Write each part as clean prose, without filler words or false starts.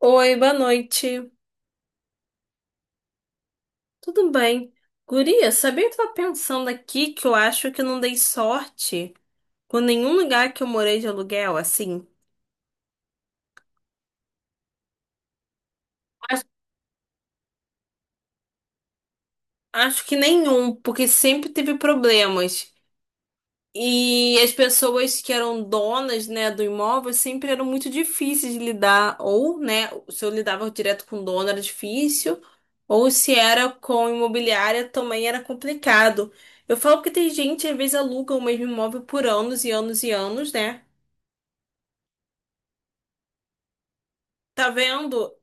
Oi, boa noite. Tudo bem? Guria, sabia que eu tava pensando aqui que eu acho que eu não dei sorte com nenhum lugar que eu morei de aluguel, assim? Acho, acho que nenhum, porque sempre teve problemas. E as pessoas que eram donas, né, do imóvel sempre eram muito difíceis de lidar, ou, né, se eu lidava direto com o dono era difícil, ou se era com imobiliária também era complicado. Eu falo que tem gente, às vezes, aluga o mesmo imóvel por anos e anos e anos, né? Tá vendo?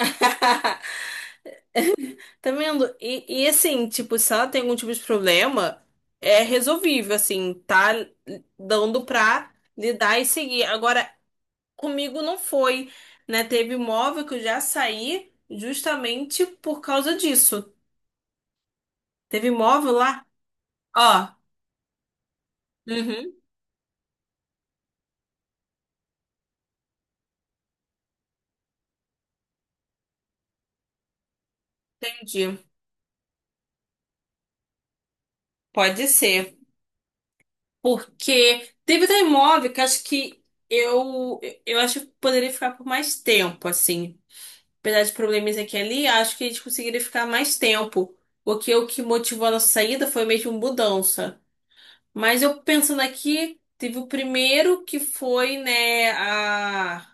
Tá vendo? E assim, tipo, se ela tem algum tipo de problema, é resolvível, assim, tá dando pra lidar e seguir. Agora, comigo não foi, né? Teve imóvel que eu já saí justamente por causa disso. Teve imóvel lá? Ó, uhum, entendi. Pode ser. Porque teve até imóvel que acho que eu, eu acho que poderia ficar por mais tempo, assim. Apesar de problemas aqui e ali, acho que a gente conseguiria ficar mais tempo. Porque o que motivou a nossa saída foi mesmo mudança. Mas eu pensando aqui, teve o primeiro que foi, né, a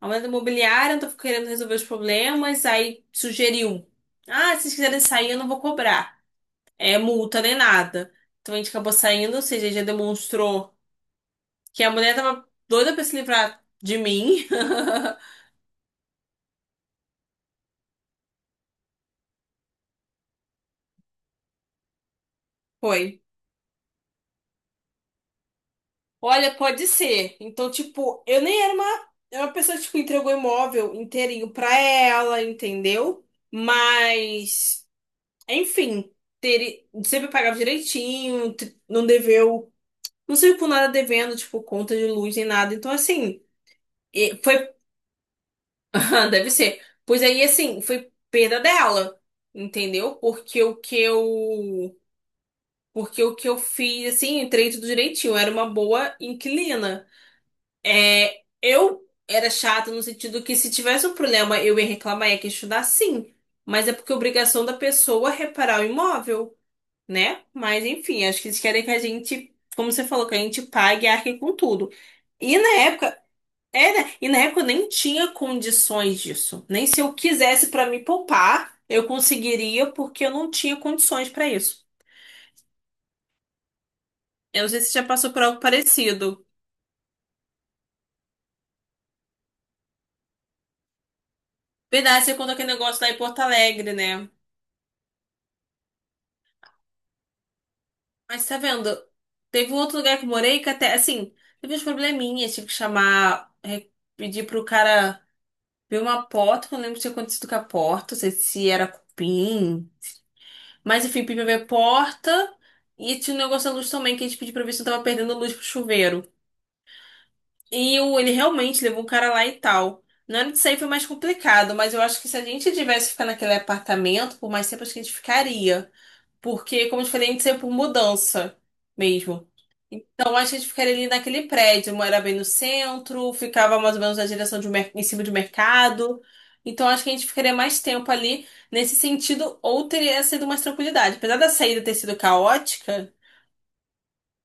aumento imobiliário, eu tô querendo resolver os problemas, aí sugeriu. Ah, se vocês quiserem sair, eu não vou cobrar. É multa nem nada. Então a gente acabou saindo, ou seja, já demonstrou que a mulher tava doida pra se livrar de mim. Foi. Olha, pode ser. Então, tipo, eu nem era uma pessoa que tipo, entregou imóvel inteirinho pra ela, entendeu? Mas, enfim, sempre pagava direitinho, não deveu. Não saiu com nada devendo, tipo, conta de luz nem nada. Então, assim, e foi. Ah, deve ser. Pois aí, assim, foi perda dela. Entendeu? Porque o que eu fiz, assim, entrei tudo direitinho. Eu Era uma boa inquilina. É, eu era chata no sentido que se tivesse um problema, eu ia reclamar, ia questionar, sim. Mas é porque é obrigação da pessoa reparar o imóvel, né? Mas, enfim, acho que eles querem que a gente, como você falou, que a gente pague e arque com tudo. E na época, É, né? E na época eu nem tinha condições disso. Nem se eu quisesse pra me poupar, eu conseguiria, porque eu não tinha condições pra isso. Eu não sei se você já passou por algo parecido. Verdade, você contou aquele negócio lá em Porto Alegre, né? Mas tá vendo? Teve um outro lugar que eu morei que até, assim, teve uns probleminhas. Tive que chamar, pedir pro cara ver uma porta, que eu não lembro se tinha acontecido com a porta, não sei se era cupim. Mas enfim, pedi pra ver a porta. E tinha um negócio da luz também, que a gente pediu pra ver se eu tava perdendo luz pro chuveiro. Ele realmente levou o cara lá e tal. Na hora de sair foi mais complicado, mas eu acho que se a gente tivesse ficado naquele apartamento, por mais tempo acho que a gente ficaria. Porque, como eu te falei, a gente saiu por mudança mesmo. Então acho que a gente ficaria ali naquele prédio, morava bem no centro, ficava mais ou menos na direção em cima de um mercado. Então acho que a gente ficaria mais tempo ali nesse sentido, ou teria sido mais tranquilidade. Apesar da saída ter sido caótica,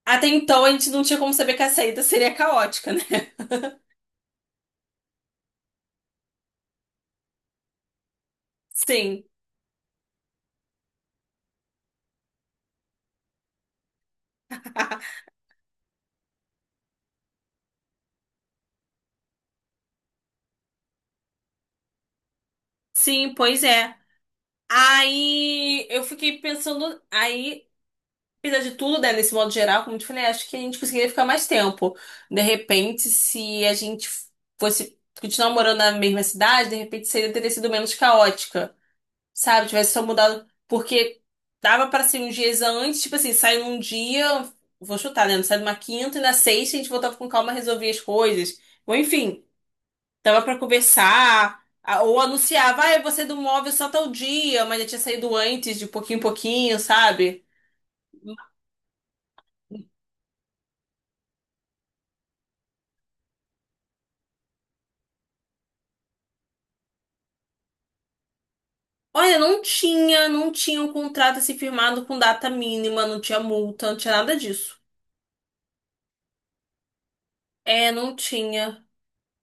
até então a gente não tinha como saber que a saída seria caótica, né? Sim, sim, pois é. Aí eu fiquei pensando, aí, apesar de tudo, né, nesse modo geral, como eu te falei, acho que a gente conseguiria ficar mais tempo. De repente, se a gente fosse continuar morando na mesma cidade, de repente seria teria sido menos caótica, sabe? Tivesse só mudado, porque dava pra ser uns dias antes, tipo assim, sai num dia, vou chutar, né? Sai numa quinta e na sexta a gente voltava com calma, resolvia as coisas. Ou enfim, tava pra conversar, ou anunciava, ah, eu vou sair do móvel só tal dia, mas já tinha saído antes, de pouquinho em pouquinho, sabe? Olha, não tinha um contrato assim firmado com data mínima, não tinha multa, não tinha nada disso. É, não tinha.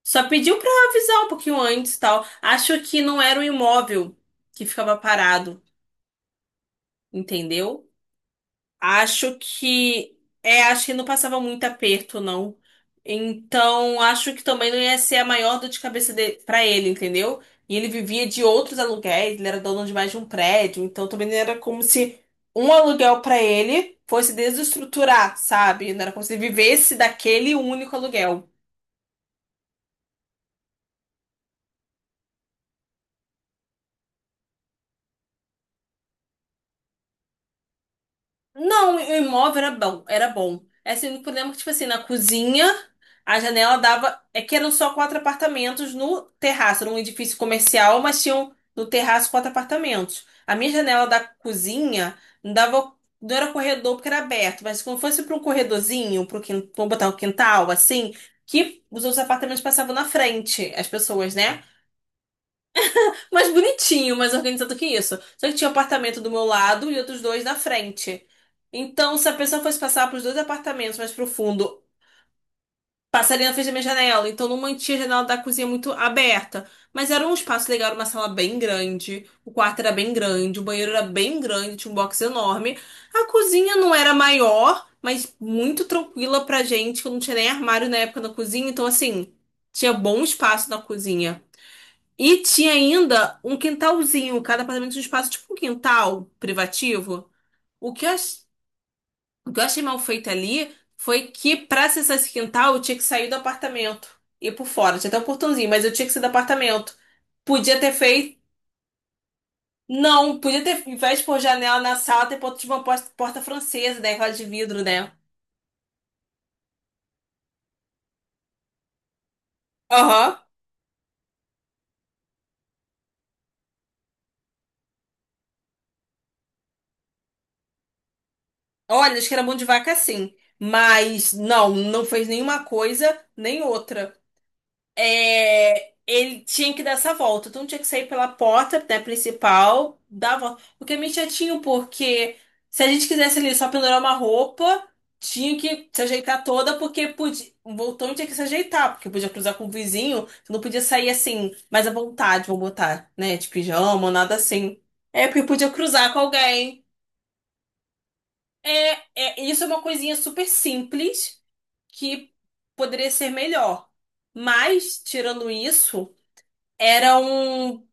Só pediu pra avisar um pouquinho antes e tal. Acho que não era o imóvel que ficava parado, entendeu? Acho que acho que não passava muito aperto, não. Então, acho que também não ia ser a maior dor de cabeça para ele, entendeu? E ele vivia de outros aluguéis, ele era dono de mais de um prédio, então também não era como se um aluguel para ele fosse desestruturar, sabe? Não era como se ele vivesse daquele único aluguel. Não, o imóvel era bom, era bom. É assim, o problema é que, tipo assim, na cozinha, a janela dava. É que eram só quatro apartamentos no terraço, era um edifício comercial, mas tinham no terraço quatro apartamentos. A minha janela da cozinha não dava. Não era corredor porque era aberto, mas como fosse para um corredorzinho, para botar um quintal, assim, que os outros apartamentos passavam na frente, as pessoas, né? Mais bonitinho, mais organizado que isso. Só que tinha um apartamento do meu lado e outros dois na frente. Então, se a pessoa fosse passar pros dois apartamentos mais pro fundo, passaria na frente da minha janela. Então, não mantinha a janela da cozinha muito aberta. Mas era um espaço legal, era uma sala bem grande. O quarto era bem grande, o banheiro era bem grande, tinha um box enorme. A cozinha não era maior, mas muito tranquila pra gente, que eu não tinha nem armário na época na cozinha. Então, assim, tinha bom espaço na cozinha. E tinha ainda um quintalzinho, cada apartamento tinha um espaço tipo um quintal privativo. O que eu, ach- o que eu achei mal feito ali foi que pra acessar esse quintal eu tinha que sair do apartamento e ir por fora. Tinha até um portãozinho, mas eu tinha que sair do apartamento. Podia ter feito. Não, podia ter, ao invés de pôr janela na sala, ter posto tipo, uma porta, porta francesa, né? Aquela de vidro, né? Aham. Olha, acho que era mão de vaca sim. Mas não, não fez nenhuma coisa nem outra. É, ele tinha que dar essa volta. Então tinha que sair pela porta, né, principal, dar a volta. O que é meio chatinho, porque se a gente quisesse ali só pendurar uma roupa, tinha que se ajeitar toda, porque podia. O voltão tinha que se ajeitar, porque podia cruzar com o vizinho, você não podia sair assim, mais à vontade, vou botar, né? De pijama, nada assim. É, porque podia cruzar com alguém. Isso é uma coisinha super simples que poderia ser melhor. Mas, tirando isso. Era um.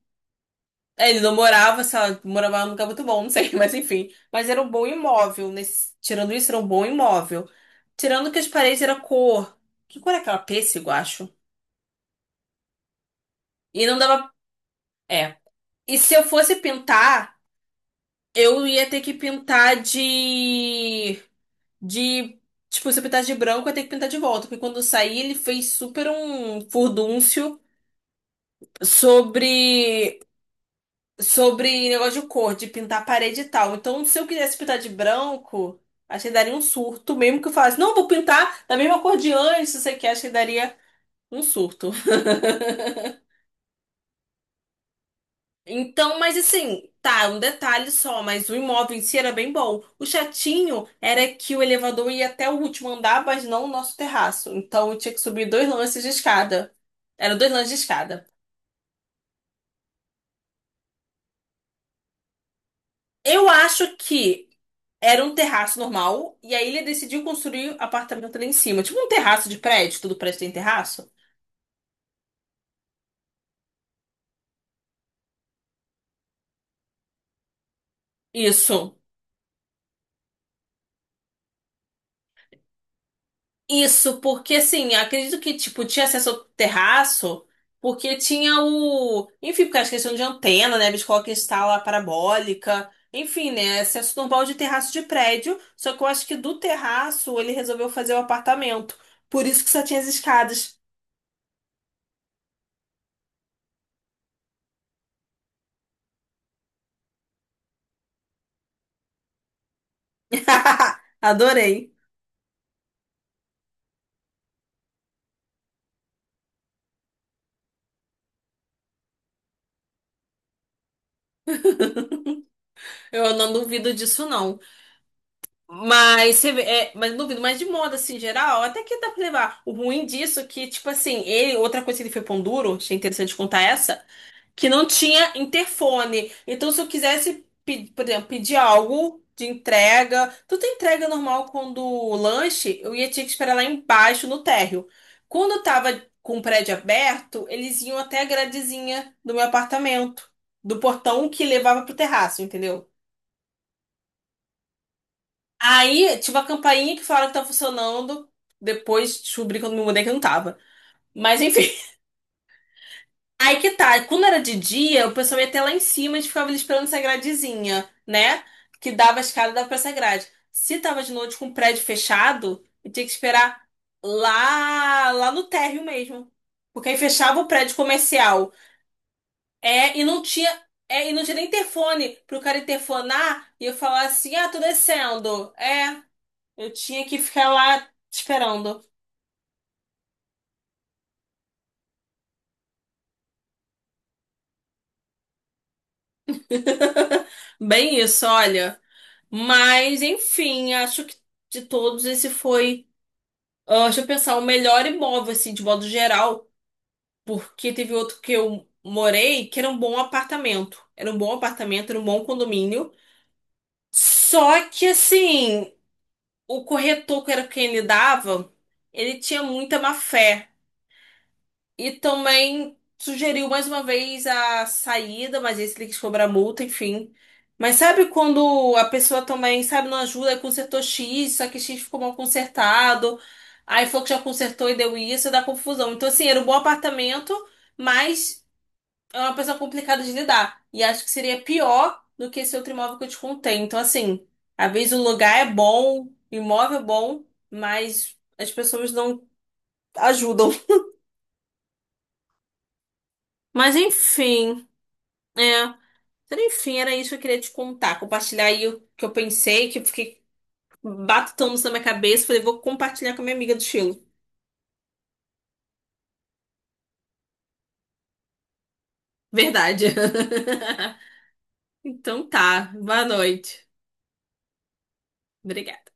Ele não morava, sei lá, morava num lugar muito bom, não sei, mas enfim. Mas era um bom imóvel. Tirando isso, era um bom imóvel. Tirando que as paredes era cor. Que cor é aquela? Pêssego, acho. E não dava. É. E se eu fosse pintar, eu ia ter que pintar de. De. Tipo, se eu pintasse de branco, eu ia ter que pintar de volta. Porque quando eu saí, ele fez super um furdúncio sobre sobre negócio de cor, de pintar a parede e tal. Então, se eu quisesse pintar de branco, acho que daria um surto, mesmo que eu falasse, não, vou pintar da mesma cor de antes, se você quer, acho que daria um surto. Então, mas assim, tá, um detalhe só, mas o imóvel em si era bem bom. O chatinho era que o elevador ia até o último andar, mas não o nosso terraço. Então, eu tinha que subir dois lances de escada. Eram dois lances de escada. Eu acho que era um terraço normal, e aí ele decidiu construir um apartamento ali em cima. Tipo um terraço de prédio, todo prédio tem terraço. Isso. Isso, porque assim, acredito que, tipo, tinha acesso ao terraço, porque tinha o. Enfim, porque as questões de antena, né? Biscoca instala a parabólica. Enfim, né? Acesso normal de terraço de prédio. Só que eu acho que do terraço ele resolveu fazer o apartamento. Por isso que só tinha as escadas. Adorei. Eu não duvido disso, não. Mas não duvido, mas de moda assim, em geral, até que dá pra levar. O ruim disso é que, tipo assim, outra coisa que ele foi pão duro, achei interessante contar essa, que não tinha interfone. Então, se eu quisesse, por exemplo, pedir algo de entrega, tudo é entrega normal quando o lanche, eu ia ter que esperar lá embaixo no térreo. Quando eu tava com o prédio aberto, eles iam até a gradezinha do meu apartamento, do portão que levava pro terraço, entendeu? Aí, tive a campainha que falaram que tá funcionando. Depois descobri quando me mudei que não tava. Mas enfim. Aí que tá. Quando era de dia, o pessoal ia até lá em cima e ficava ali esperando essa gradezinha, né? Que dava a escada e dava pra essa grade. Se tava de noite com o prédio fechado, eu tinha que esperar lá no térreo mesmo. Porque aí fechava o prédio comercial. É, e não tinha. É, e não tinha nem interfone pro cara interfonar e eu falar assim: ah, tô descendo. É. Eu tinha que ficar lá esperando. Bem isso, olha. Mas, enfim, acho que de todos esse foi, ah, deixa eu pensar, o melhor imóvel, assim, de modo geral, porque teve outro que eu morei que era um bom apartamento. Era um bom apartamento, era um bom condomínio. Só que, assim, o corretor que era quem ele dava, ele tinha muita má fé. E também sugeriu mais uma vez a saída, mas esse ele quis cobrar multa, enfim. Mas sabe quando a pessoa também, sabe, não ajuda, aí consertou X, só que X ficou mal consertado, aí falou que já consertou e deu isso, dá confusão. Então, assim, era um bom apartamento, mas é uma pessoa complicada de lidar. E acho que seria pior do que esse outro imóvel que eu te contei. Então, assim, às vezes o lugar é bom, o imóvel é bom, mas as pessoas não ajudam. Mas enfim. É. Então, enfim, era isso que eu queria te contar, compartilhar aí o que eu pensei, que eu fiquei batutando isso na minha cabeça, falei, vou compartilhar com a minha amiga do Chile. Verdade. Então tá, boa noite. Obrigada.